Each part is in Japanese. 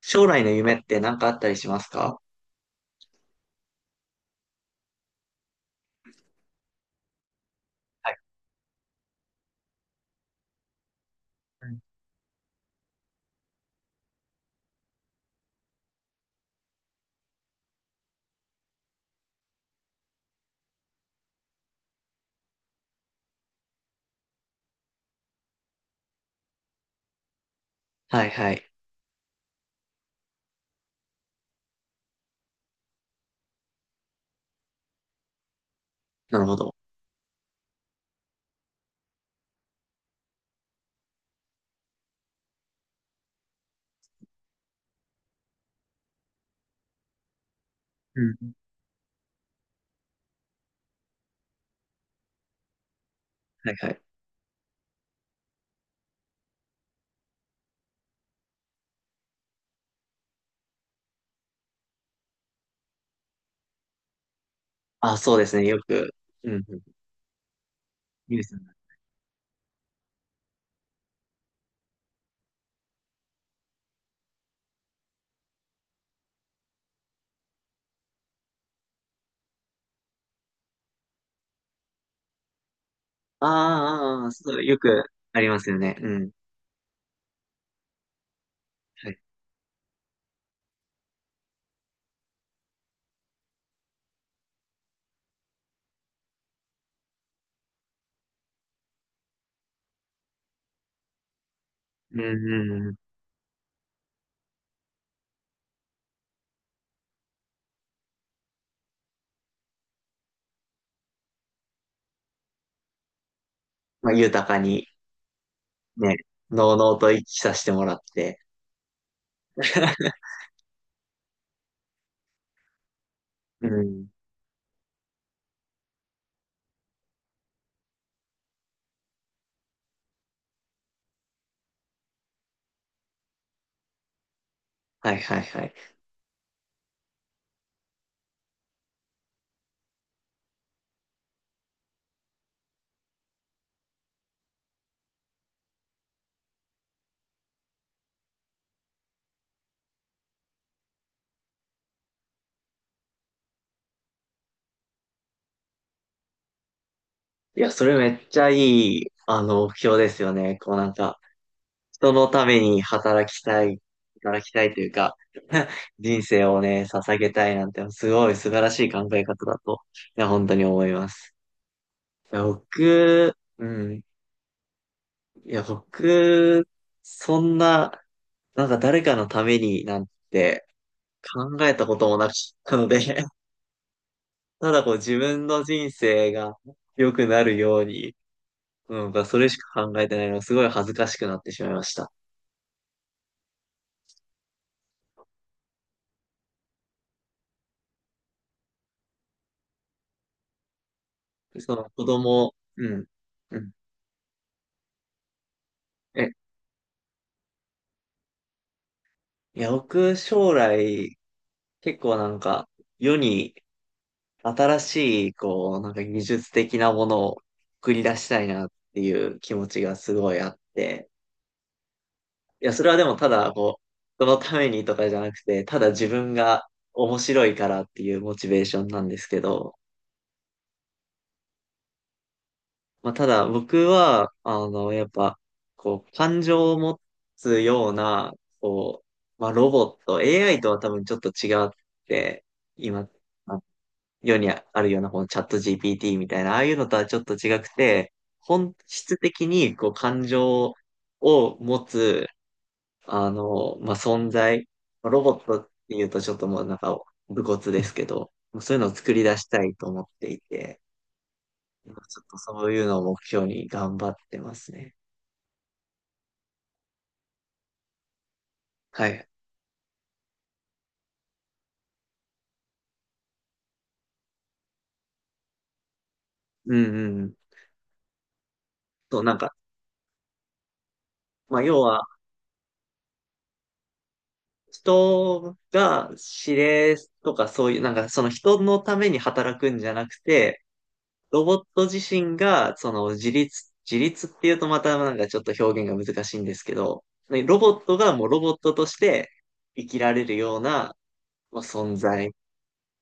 将来の夢って何かあったりしますか？はいはい。なるほど。うん。はいはい。あ、そうですね。よく。うんうん。ニュース。あーあー、そう、よくありますよね。うん。はい。うんうんうん。まあ、豊かに、ね、のうのうと生きさせてもらって。うん。はいはいはい。いや、それめっちゃいい、目標ですよね。こう人のために働きたい、働きたいというか、人生をね、捧げたいなんて、すごい素晴らしい考え方だと、いや、本当に思います。いや、僕、うん。いや、僕、そんな、なんか誰かのためになんて考えたこともなかったので、ただこう自分の人生が良くなるように、うん、それしか考えてないのがすごい恥ずかしくなってしまいました。その子供、うん、うん。えいや、僕、将来、結構なんか、世に新しい、こう、なんか技術的なものを繰り出したいなっていう気持ちがすごいあって。いや、それはでもただ、こう、そのためにとかじゃなくて、ただ自分が面白いからっていうモチベーションなんですけど、まあ、ただ僕は、やっぱ、こう、感情を持つような、こう、まあ、ロボット、AI とは多分ちょっと違って、今、世にあるようなこのチャット GPT みたいな、ああいうのとはちょっと違くて、本質的にこう感情を持つ、まあ、存在、ロボットっていうとちょっともうなんか、武骨ですけど、そういうのを作り出したいと思っていて、ちょっとそういうのを目標に頑張ってますね。はい。うんうん。そう、なんか、まあ、要は、人が指令とかそういう、なんかその人のために働くんじゃなくて、ロボット自身が、その自立、自立っていうとまたなんかちょっと表現が難しいんですけど、ねロボットがもうロボットとして生きられるような、まあ、存在。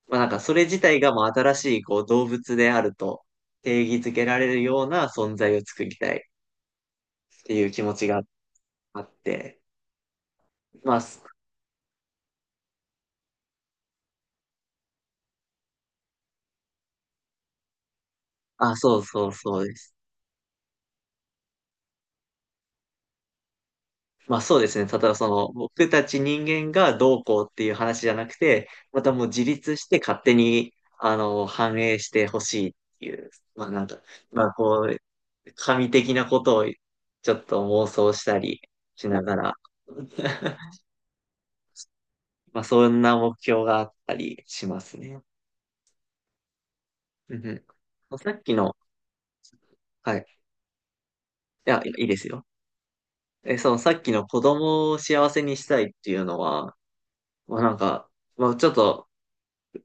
まあなんかそれ自体がもう新しいこう動物であると定義づけられるような存在を作りたいっていう気持ちがあって、まあ、すあ、そうです。まあそうですね。ただその僕たち人間がどうこうっていう話じゃなくて、またもう自立して勝手にあの反映してほしいっていう、まあなんか、まあこう、神的なことをちょっと妄想したりしながら、まあそんな目標があったりしますね。うんうん、さっきの、はい。いや、いいですよ。え、そのさっきの子供を幸せにしたいっていうのは、まあなんか、まあちょっと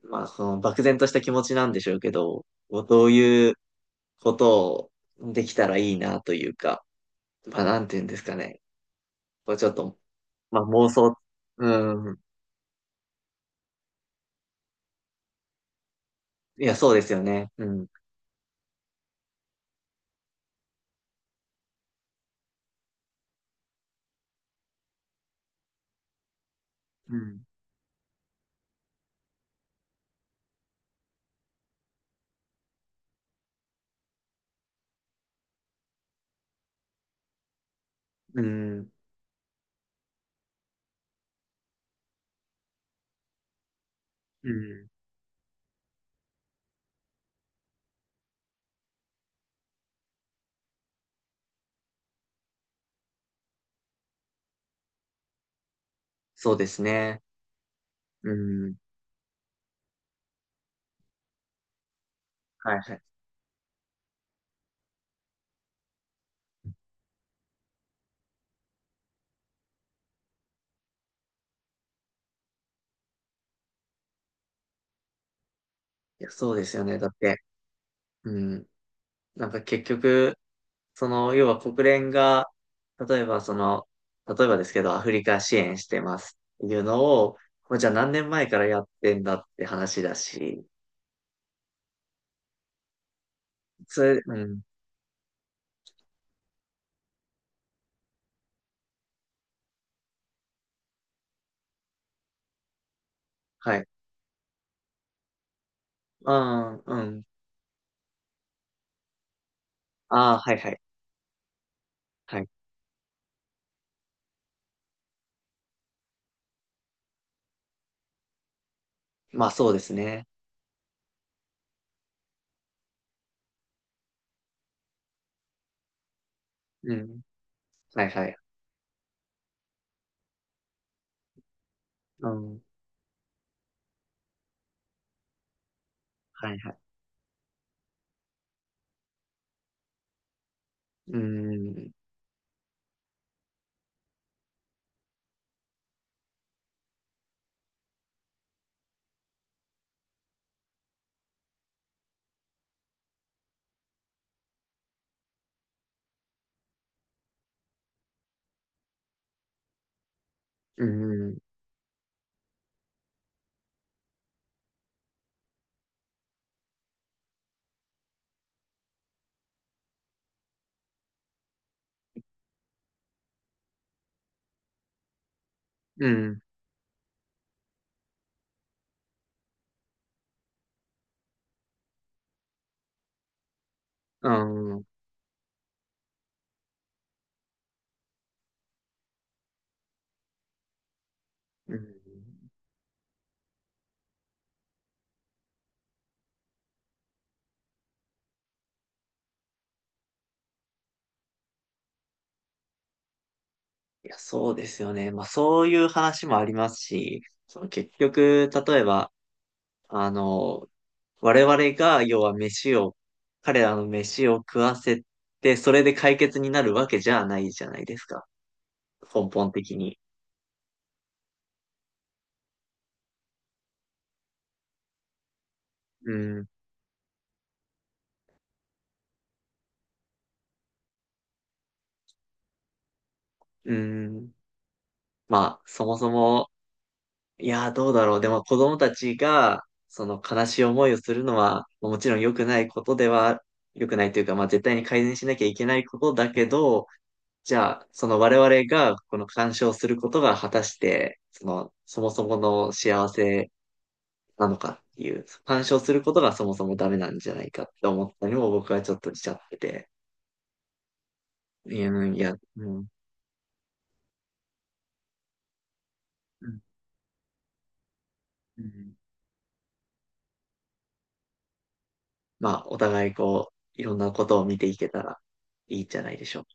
まあ、その漠然とした気持ちなんでしょうけど、こうどういうことをできたらいいなというか、まあ、なんて言うんですかね。こうちょっと、まあ、妄想、うん。いや、そうですよね。うん。うん。うん。うん。そうですね。うん。はいはい。いや、そうですよね。だって、うん。なんか結局、その、要は国連が、例えばその、例えばですけど、アフリカ支援してますっていうのを、これじゃあ何年前からやってんだって話だし、それ、うん、はい。うん、うん。ああ、はいはい。はい。まあそうですね。うん。はいはい。うん。はいはい。うん。うん。うん。うん。うん。いや、そうですよね。まあそういう話もありますし、その結局、例えば、あの、我々が、要は飯を、彼らの飯を食わせて、それで解決になるわけじゃないじゃないですか。根本的に。うん、うん。まあ、そもそも、いやー、どうだろう。でも子供たちが、その悲しい思いをするのは、もちろん良くないことでは、良くないというか、まあ絶対に改善しなきゃいけないことだけど、じゃあ、その我々がこの干渉することが果たして、その、そもそもの幸せなのかっていう、干渉することがそもそもダメなんじゃないかって思ったりも僕はちょっとしちゃってて、いや、うんいや、うん、うん、うんまあ、お互いこう、いろんなことを見ていけたらいいんじゃないでしょうか。